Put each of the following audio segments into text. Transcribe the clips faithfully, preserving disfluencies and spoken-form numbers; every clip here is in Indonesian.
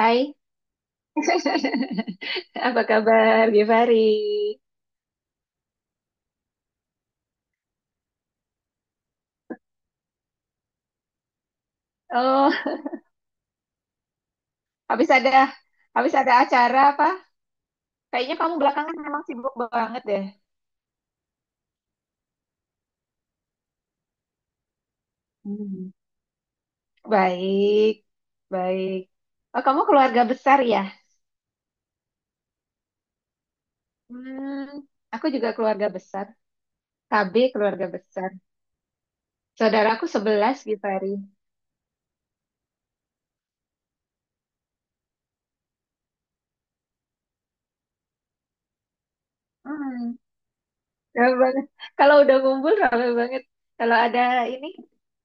Hai, apa kabar Givari? Oh, habis ada habis ada acara apa? Kayaknya kamu belakangan memang sibuk banget deh. Hmm, Baik, baik. Oh, kamu keluarga besar ya? Hmm, aku juga keluarga besar. K B keluarga besar. Saudaraku sebelas, Givari. Hmm, rame banget. Kalau udah ngumpul rame banget. Kalau ada ini,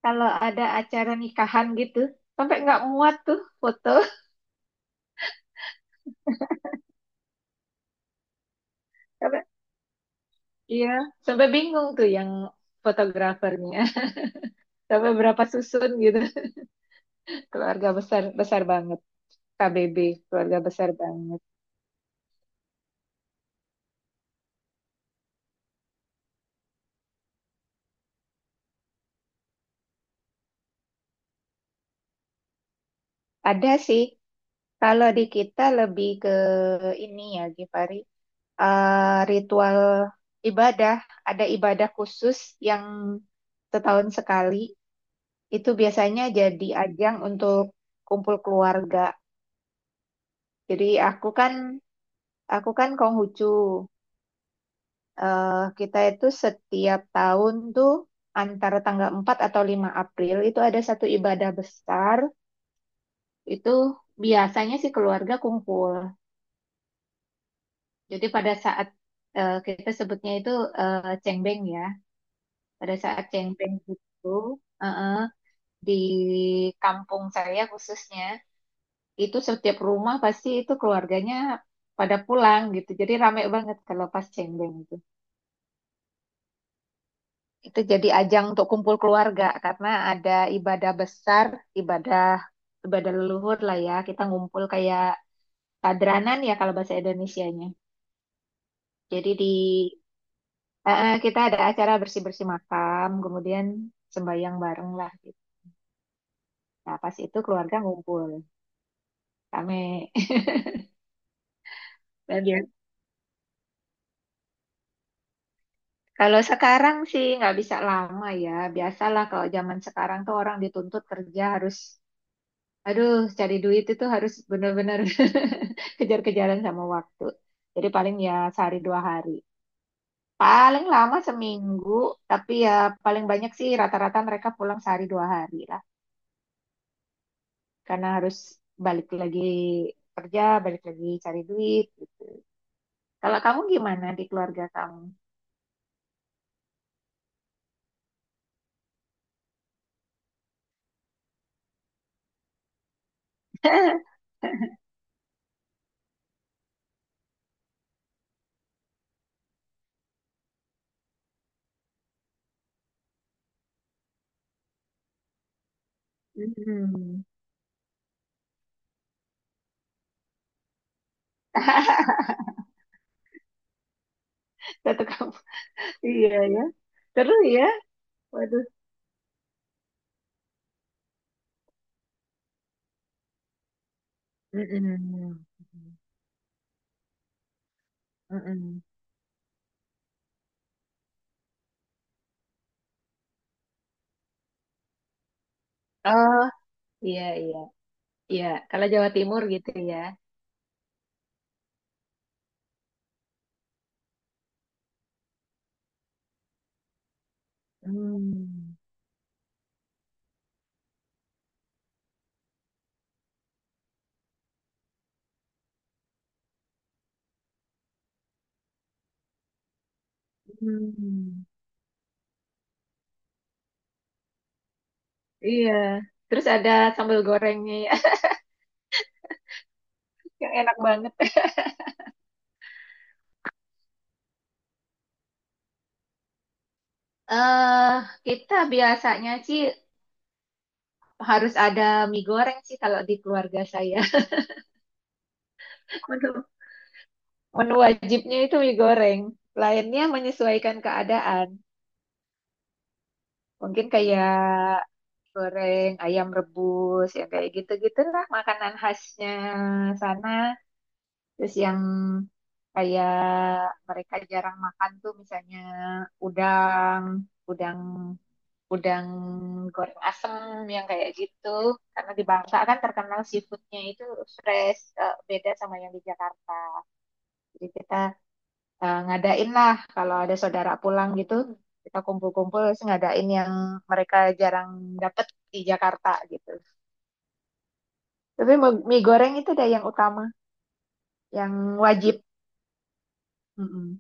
kalau ada acara nikahan gitu, sampai nggak muat tuh foto. Sampai, iya, sampai bingung tuh yang fotografernya. Sampai berapa susun gitu. Keluarga besar besar banget. K B B, keluarga besar banget. Ada sih, kalau di kita lebih ke ini ya, Gifari. eh, ritual ibadah. Ada ibadah khusus yang setahun sekali. Itu biasanya jadi ajang untuk kumpul keluarga. Jadi aku kan aku kan Konghucu. eh, kita itu setiap tahun tuh antara tanggal empat atau lima April itu ada satu ibadah besar. Itu biasanya sih keluarga kumpul. Jadi pada saat eh, kita sebutnya itu eh, cengbeng ya. Pada saat cengbeng itu eh, eh, di kampung saya khususnya itu setiap rumah pasti itu keluarganya pada pulang gitu. Jadi rame banget kalau pas cengbeng. Itu jadi ajang untuk kumpul keluarga karena ada ibadah besar, ibadah ibadah leluhur lah ya. Kita ngumpul kayak padranan ya kalau bahasa Indonesianya. Jadi di eh, eh, kita ada acara bersih-bersih makam, kemudian sembahyang bareng lah gitu. Nah, pas itu keluarga ngumpul. Kami Dan ya, Kalau sekarang sih nggak bisa lama ya. Biasalah kalau zaman sekarang tuh orang dituntut kerja harus Aduh, cari duit itu harus benar-benar kejar-kejaran sama waktu. Jadi paling ya sehari dua hari. Paling lama seminggu, tapi ya paling banyak sih rata-rata mereka pulang sehari dua hari lah. Karena harus balik lagi kerja, balik lagi cari duit. Kalau kamu gimana di keluarga kamu? Hmm. Satu kamu. Iya ya. Terus ya. Waduh. Mm-mm. Mm-mm. Oh, iya iya. Iya, kalau Jawa Timur gitu ya. Hmm. Hmm, iya. Terus ada sambal gorengnya ya, yang enak banget. Eh, kita biasanya sih harus ada mie goreng sih kalau di keluarga saya. Menu, menu wajibnya itu mie goreng. Lainnya menyesuaikan keadaan. Mungkin kayak goreng, ayam rebus, ya kayak gitu-gitu lah makanan khasnya sana. Terus yang kayak mereka jarang makan tuh misalnya udang, udang, udang goreng asem yang kayak gitu. Karena di Bangka kan terkenal seafoodnya itu fresh, eh, beda sama yang di Jakarta. Jadi kita eh, ngadain lah kalau ada saudara pulang gitu, kita kumpul-kumpul terus ngadain yang mereka jarang dapet di Jakarta gitu. Tapi mi- mie goreng itu deh yang utama, yang wajib. Mm-mm.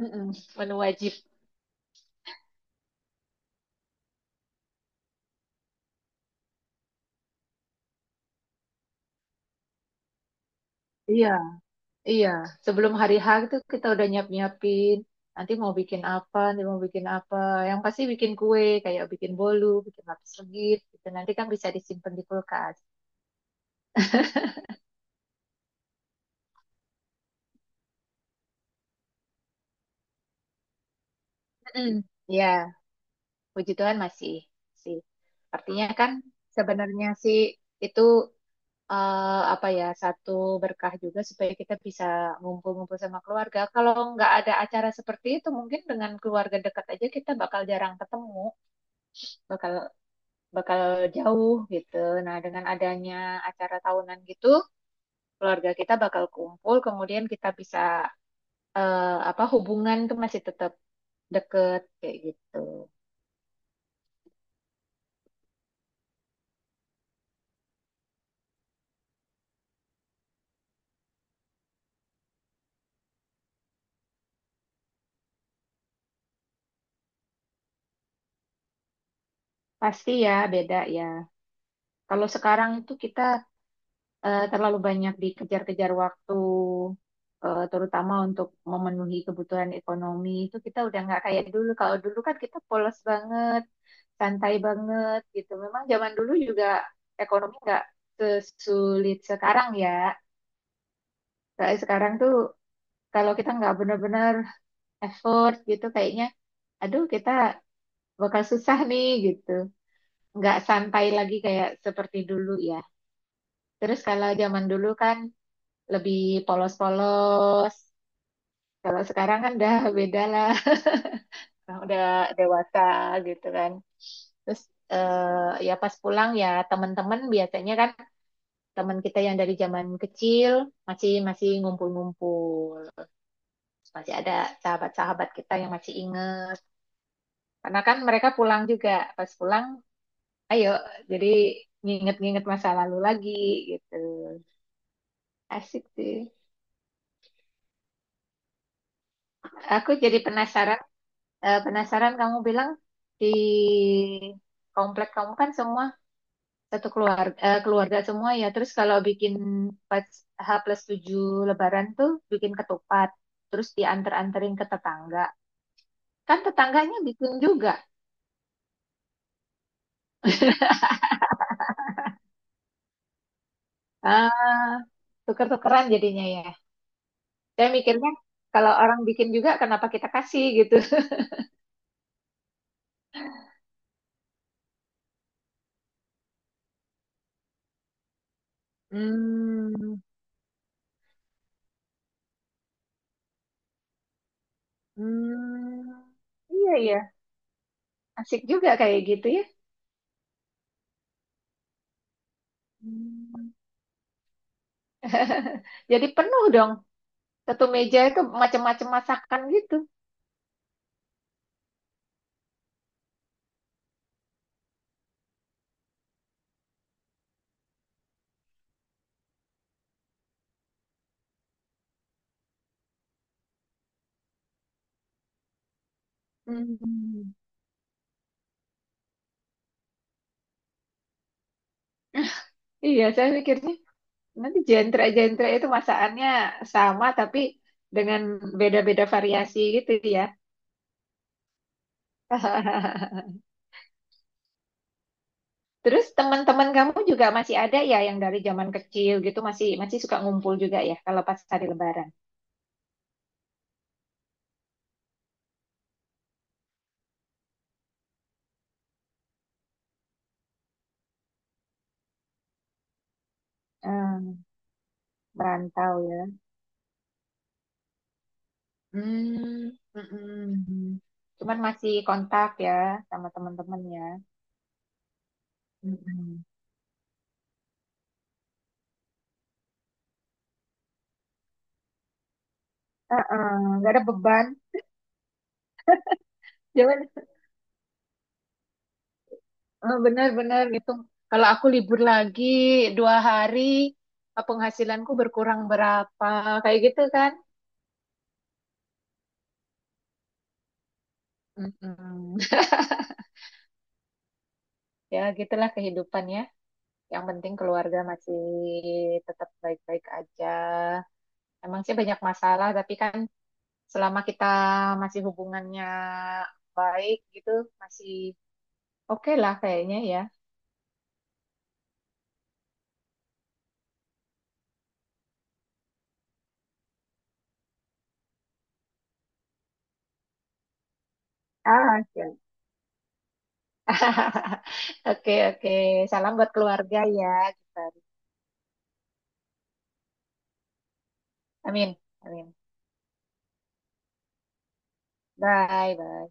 Mm-mm, menu wajib. Iya. Iya, sebelum hari H itu kita udah nyiap-nyiapin. Nanti mau bikin apa, nanti mau bikin apa. Yang pasti bikin kue, kayak bikin bolu, bikin lapis legit. Gitu. Nanti kan bisa disimpan di kulkas. Mm-mm. Iya, puji Tuhan masih sih. Artinya kan sebenarnya sih itu eh, apa ya satu berkah juga supaya kita bisa ngumpul-ngumpul sama keluarga. Kalau nggak ada acara seperti itu, mungkin dengan keluarga dekat aja kita bakal jarang ketemu, bakal bakal jauh gitu. Nah, dengan adanya acara tahunan gitu, keluarga kita bakal kumpul, kemudian kita bisa eh, apa hubungan tuh masih tetap deket kayak gitu. Pasti ya beda ya. Kalau sekarang tuh kita eh, terlalu banyak dikejar-kejar waktu, eh, terutama untuk memenuhi kebutuhan ekonomi itu kita udah nggak kayak dulu. Kalau dulu kan kita polos banget, santai banget gitu. Memang zaman dulu juga ekonomi nggak sesulit sekarang ya. Kayak sekarang tuh kalau kita nggak benar-benar effort gitu kayaknya, aduh kita bakal susah nih gitu. Nggak santai lagi kayak seperti dulu ya. Terus kalau zaman dulu kan lebih polos-polos. Kalau sekarang kan udah beda lah. Orang udah dewasa gitu kan. Terus eh, ya pas pulang ya teman-teman biasanya kan teman kita yang dari zaman kecil masih masih ngumpul-ngumpul. Terus masih ada sahabat-sahabat kita yang masih inget. Karena kan mereka pulang juga. Pas pulang, ayo jadi nginget-nginget masa lalu lagi gitu. Asik sih. Aku jadi penasaran, eh, penasaran kamu bilang di komplek kamu kan semua satu keluarga eh, keluarga semua ya. Terus kalau bikin pas H plus tujuh Lebaran tuh bikin ketupat, terus diantar-anterin ke tetangga. Kan tetangganya bikin juga. Ah, tuker-tukeran jadinya ya. Saya mikirnya kalau orang bikin juga kenapa kita kasih gitu. Hmm, hmm, iya iya, asik juga kayak gitu ya. Hmm. Jadi penuh dong. Satu meja itu macam-macam masakan gitu. Hmm. Iya, saya mikirnya nanti jentra jentra itu masakannya sama tapi dengan beda-beda variasi gitu ya. Terus teman-teman kamu juga masih ada ya yang dari zaman kecil gitu masih masih suka ngumpul juga ya kalau pas hari Lebaran. Hmm, merantau ya. Hmm, mm-mm. Cuman masih kontak ya sama teman-teman ya. Mm-mm. Uh-uh, nggak ada beban. Jangan eh, benar-benar gitu. Kalau aku libur lagi dua hari, eh, penghasilanku berkurang berapa, kayak gitu kan? Mm-mm. Ya, gitulah kehidupan ya. Yang penting keluarga masih tetap baik-baik aja. Emang sih banyak masalah, tapi kan selama kita masih hubungannya baik gitu, masih oke lah kayaknya ya. Ah, oke. Oke, oke. Salam buat keluarga ya. Kita. Amin, amin. Bye, bye.